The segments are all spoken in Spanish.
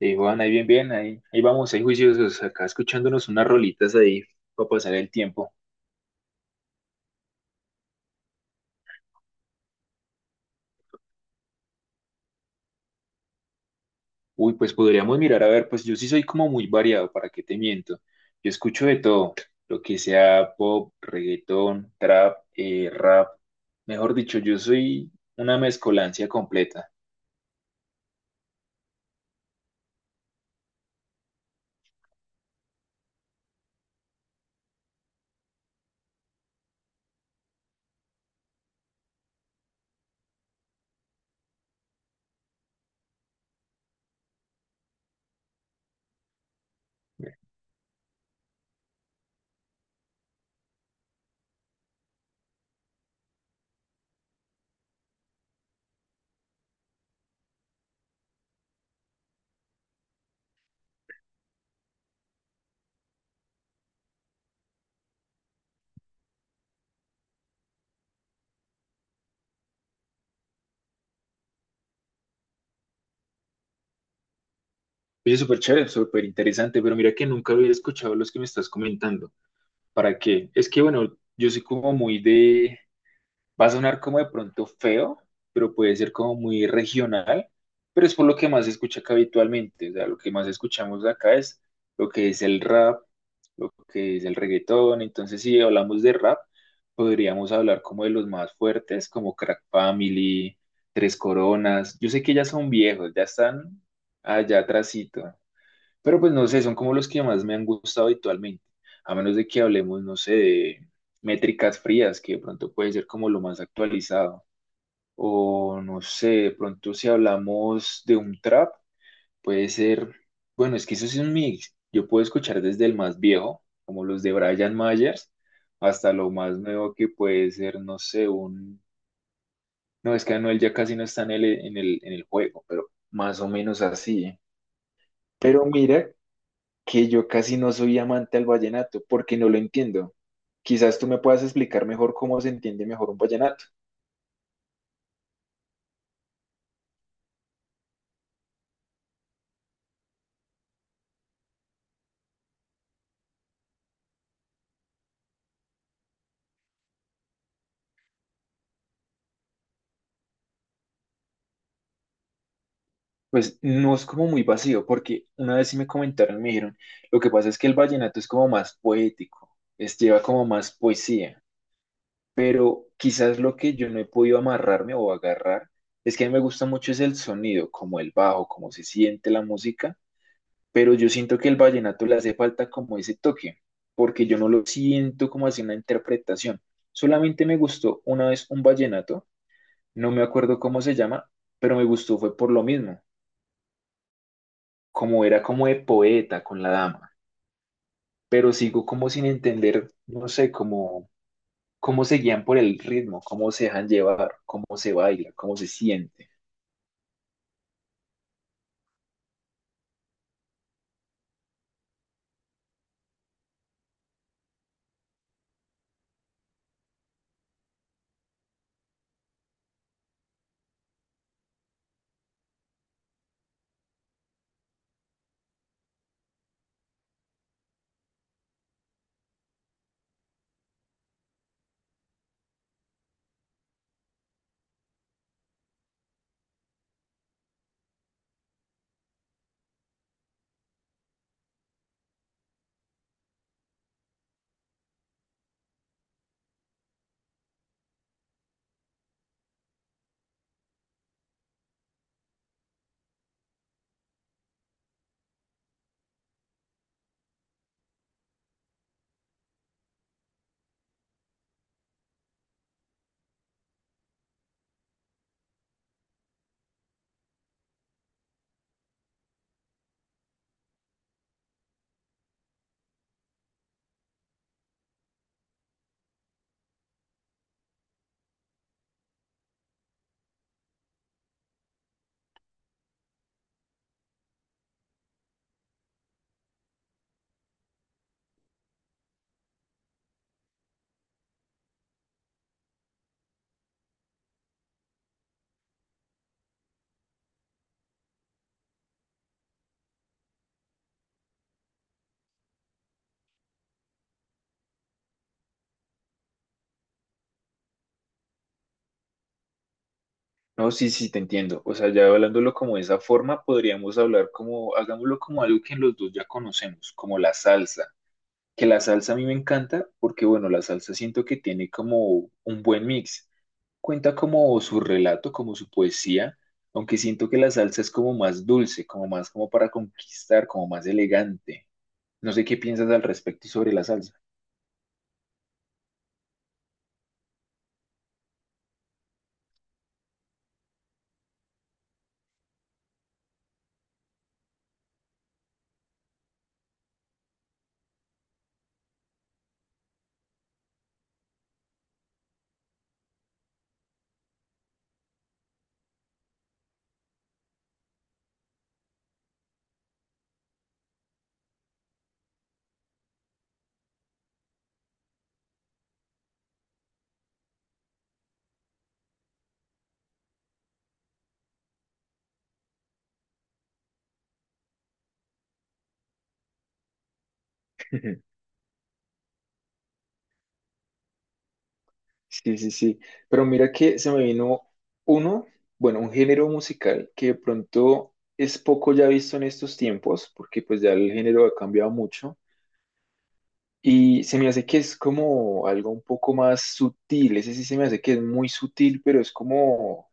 Sí, Juan, ahí bien, bien, ahí, ahí vamos, ahí juiciosos, acá escuchándonos unas rolitas ahí para pasar el tiempo. Uy, pues podríamos mirar, a ver, pues yo sí soy como muy variado, ¿para qué te miento? Yo escucho de todo, lo que sea pop, reggaetón, trap, rap, mejor dicho, yo soy una mezcolancia completa. Oye, súper chévere, súper interesante, pero mira que nunca había escuchado los que me estás comentando. ¿Para qué? Es que, bueno, yo soy como muy de... Va a sonar como de pronto feo, pero puede ser como muy regional, pero es por lo que más se escucha acá habitualmente. O sea, lo que más escuchamos acá es lo que es el rap, lo que es el reggaetón. Entonces, si hablamos de rap, podríamos hablar como de los más fuertes, como Crack Family, Tres Coronas. Yo sé que ya son viejos, ya están allá atrásito. Pero pues no sé, son como los que más me han gustado habitualmente, a menos de que hablemos, no sé, de métricas frías, que de pronto puede ser como lo más actualizado, o no sé, de pronto si hablamos de un trap, puede ser, bueno, es que eso sí es un mix, yo puedo escuchar desde el más viejo, como los de Brian Myers, hasta lo más nuevo que puede ser, no sé, un, no, es que Anuel ya casi no está en el juego, pero más o menos así, ¿eh? Pero mira que yo casi no soy amante al vallenato porque no lo entiendo. Quizás tú me puedas explicar mejor cómo se entiende mejor un vallenato. Pues no es como muy vacío, porque una vez sí me comentaron, me dijeron, lo que pasa es que el vallenato es como más poético, es, lleva como más poesía, pero quizás lo que yo no he podido amarrarme o agarrar es que a mí me gusta mucho es el sonido, como el bajo, cómo se siente la música, pero yo siento que el vallenato le hace falta como ese toque, porque yo no lo siento como así una interpretación. Solamente me gustó una vez un vallenato, no me acuerdo cómo se llama, pero me gustó fue por lo mismo, como era como de poeta con la dama, pero sigo como sin entender, no sé, cómo se guían por el ritmo, cómo se dejan llevar, cómo se baila, cómo se siente. No, sí, sí, te entiendo. O sea, ya hablándolo como de esa forma, podríamos hablar como, hagámoslo como algo que los dos ya conocemos, como la salsa que la salsa a mí me encanta porque, bueno, la salsa siento que tiene como un buen mix. Cuenta como su relato, como su poesía, aunque siento que la salsa es como más dulce, como más como para conquistar, como más elegante. No sé qué piensas al respecto y sobre la salsa. Sí, sí, sí. Pero mira que se me vino uno, bueno, un género musical que de pronto es poco ya visto en estos tiempos, porque pues ya el género ha cambiado mucho. Y se me hace que es como algo un poco más sutil, ese sí se me hace que es muy sutil, pero es como,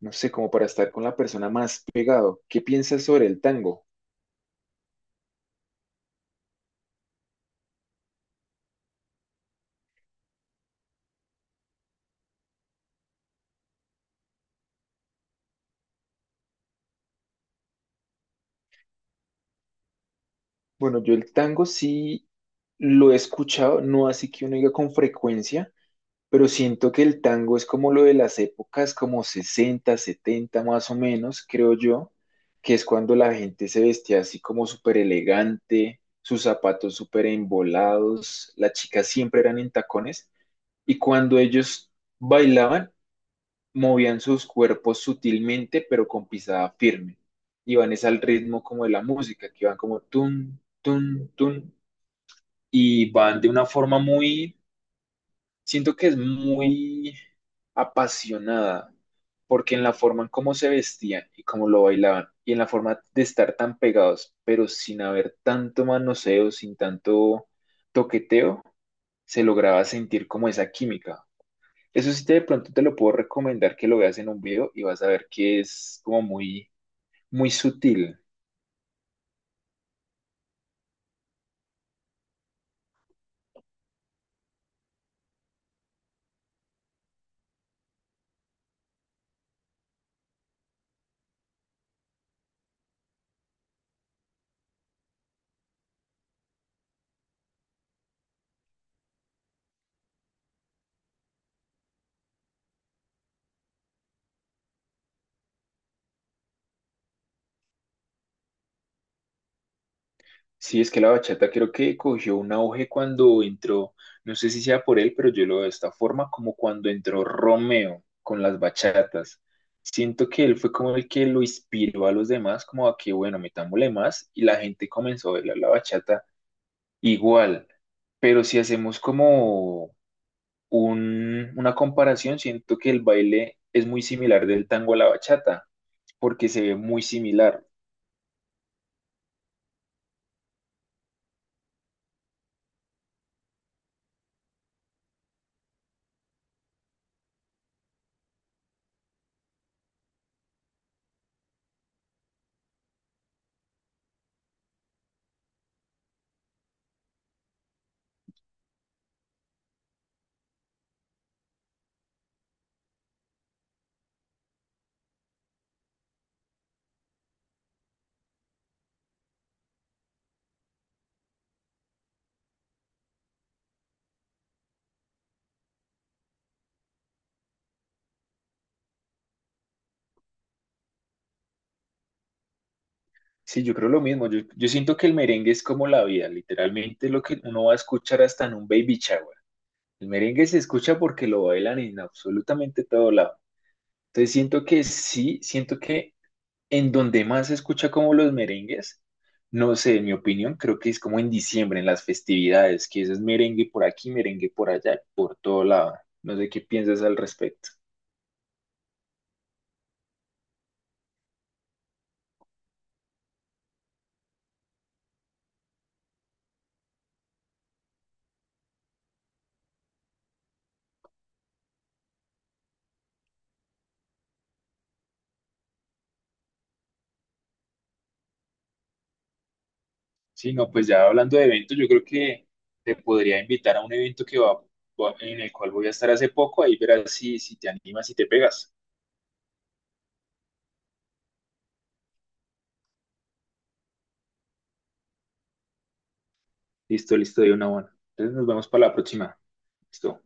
no sé, como para estar con la persona más pegado. ¿Qué piensas sobre el tango? Bueno, yo el tango sí lo he escuchado, no así que uno diga con frecuencia, pero siento que el tango es como lo de las épocas, como 60 70 más o menos, creo yo, que es cuando la gente se vestía así como súper elegante, sus zapatos súper embolados, las chicas siempre eran en tacones. Y cuando ellos bailaban, movían sus cuerpos sutilmente, pero con pisada firme. Iban es al ritmo como de la música, que van como tun, tun, tun, y van de una forma muy, siento que es muy apasionada, porque en la forma en cómo se vestían y cómo lo bailaban, y en la forma de estar tan pegados, pero sin haber tanto manoseo, sin tanto toqueteo, se lograba sentir como esa química. Eso sí, te, de pronto te lo puedo recomendar que lo veas en un video y vas a ver que es como muy, muy sutil. Sí, es que la bachata creo que cogió un auge cuando entró, no sé si sea por él, pero yo lo veo de esta forma, como cuando entró Romeo con las bachatas. Siento que él fue como el que lo inspiró a los demás, como a que, bueno, metámosle más, y la gente comenzó a bailar la bachata igual. Pero si hacemos como una comparación, siento que el baile es muy similar del tango a la bachata, porque se ve muy similar. Sí, yo creo lo mismo. Yo siento que el merengue es como la vida, literalmente lo que uno va a escuchar hasta en un baby shower. El merengue se escucha porque lo bailan en absolutamente todo lado. Entonces siento que sí, siento que en donde más se escucha como los merengues, no sé, en mi opinión, creo que es como en diciembre, en las festividades, que eso es merengue por aquí, merengue por allá, por todo lado. No sé qué piensas al respecto. Sí, no, pues ya hablando de eventos, yo creo que te podría invitar a un evento que en el cual voy a estar hace poco, ahí verás si, si te animas y te pegas. Listo, listo, de una buena. Entonces nos vemos para la próxima. Listo.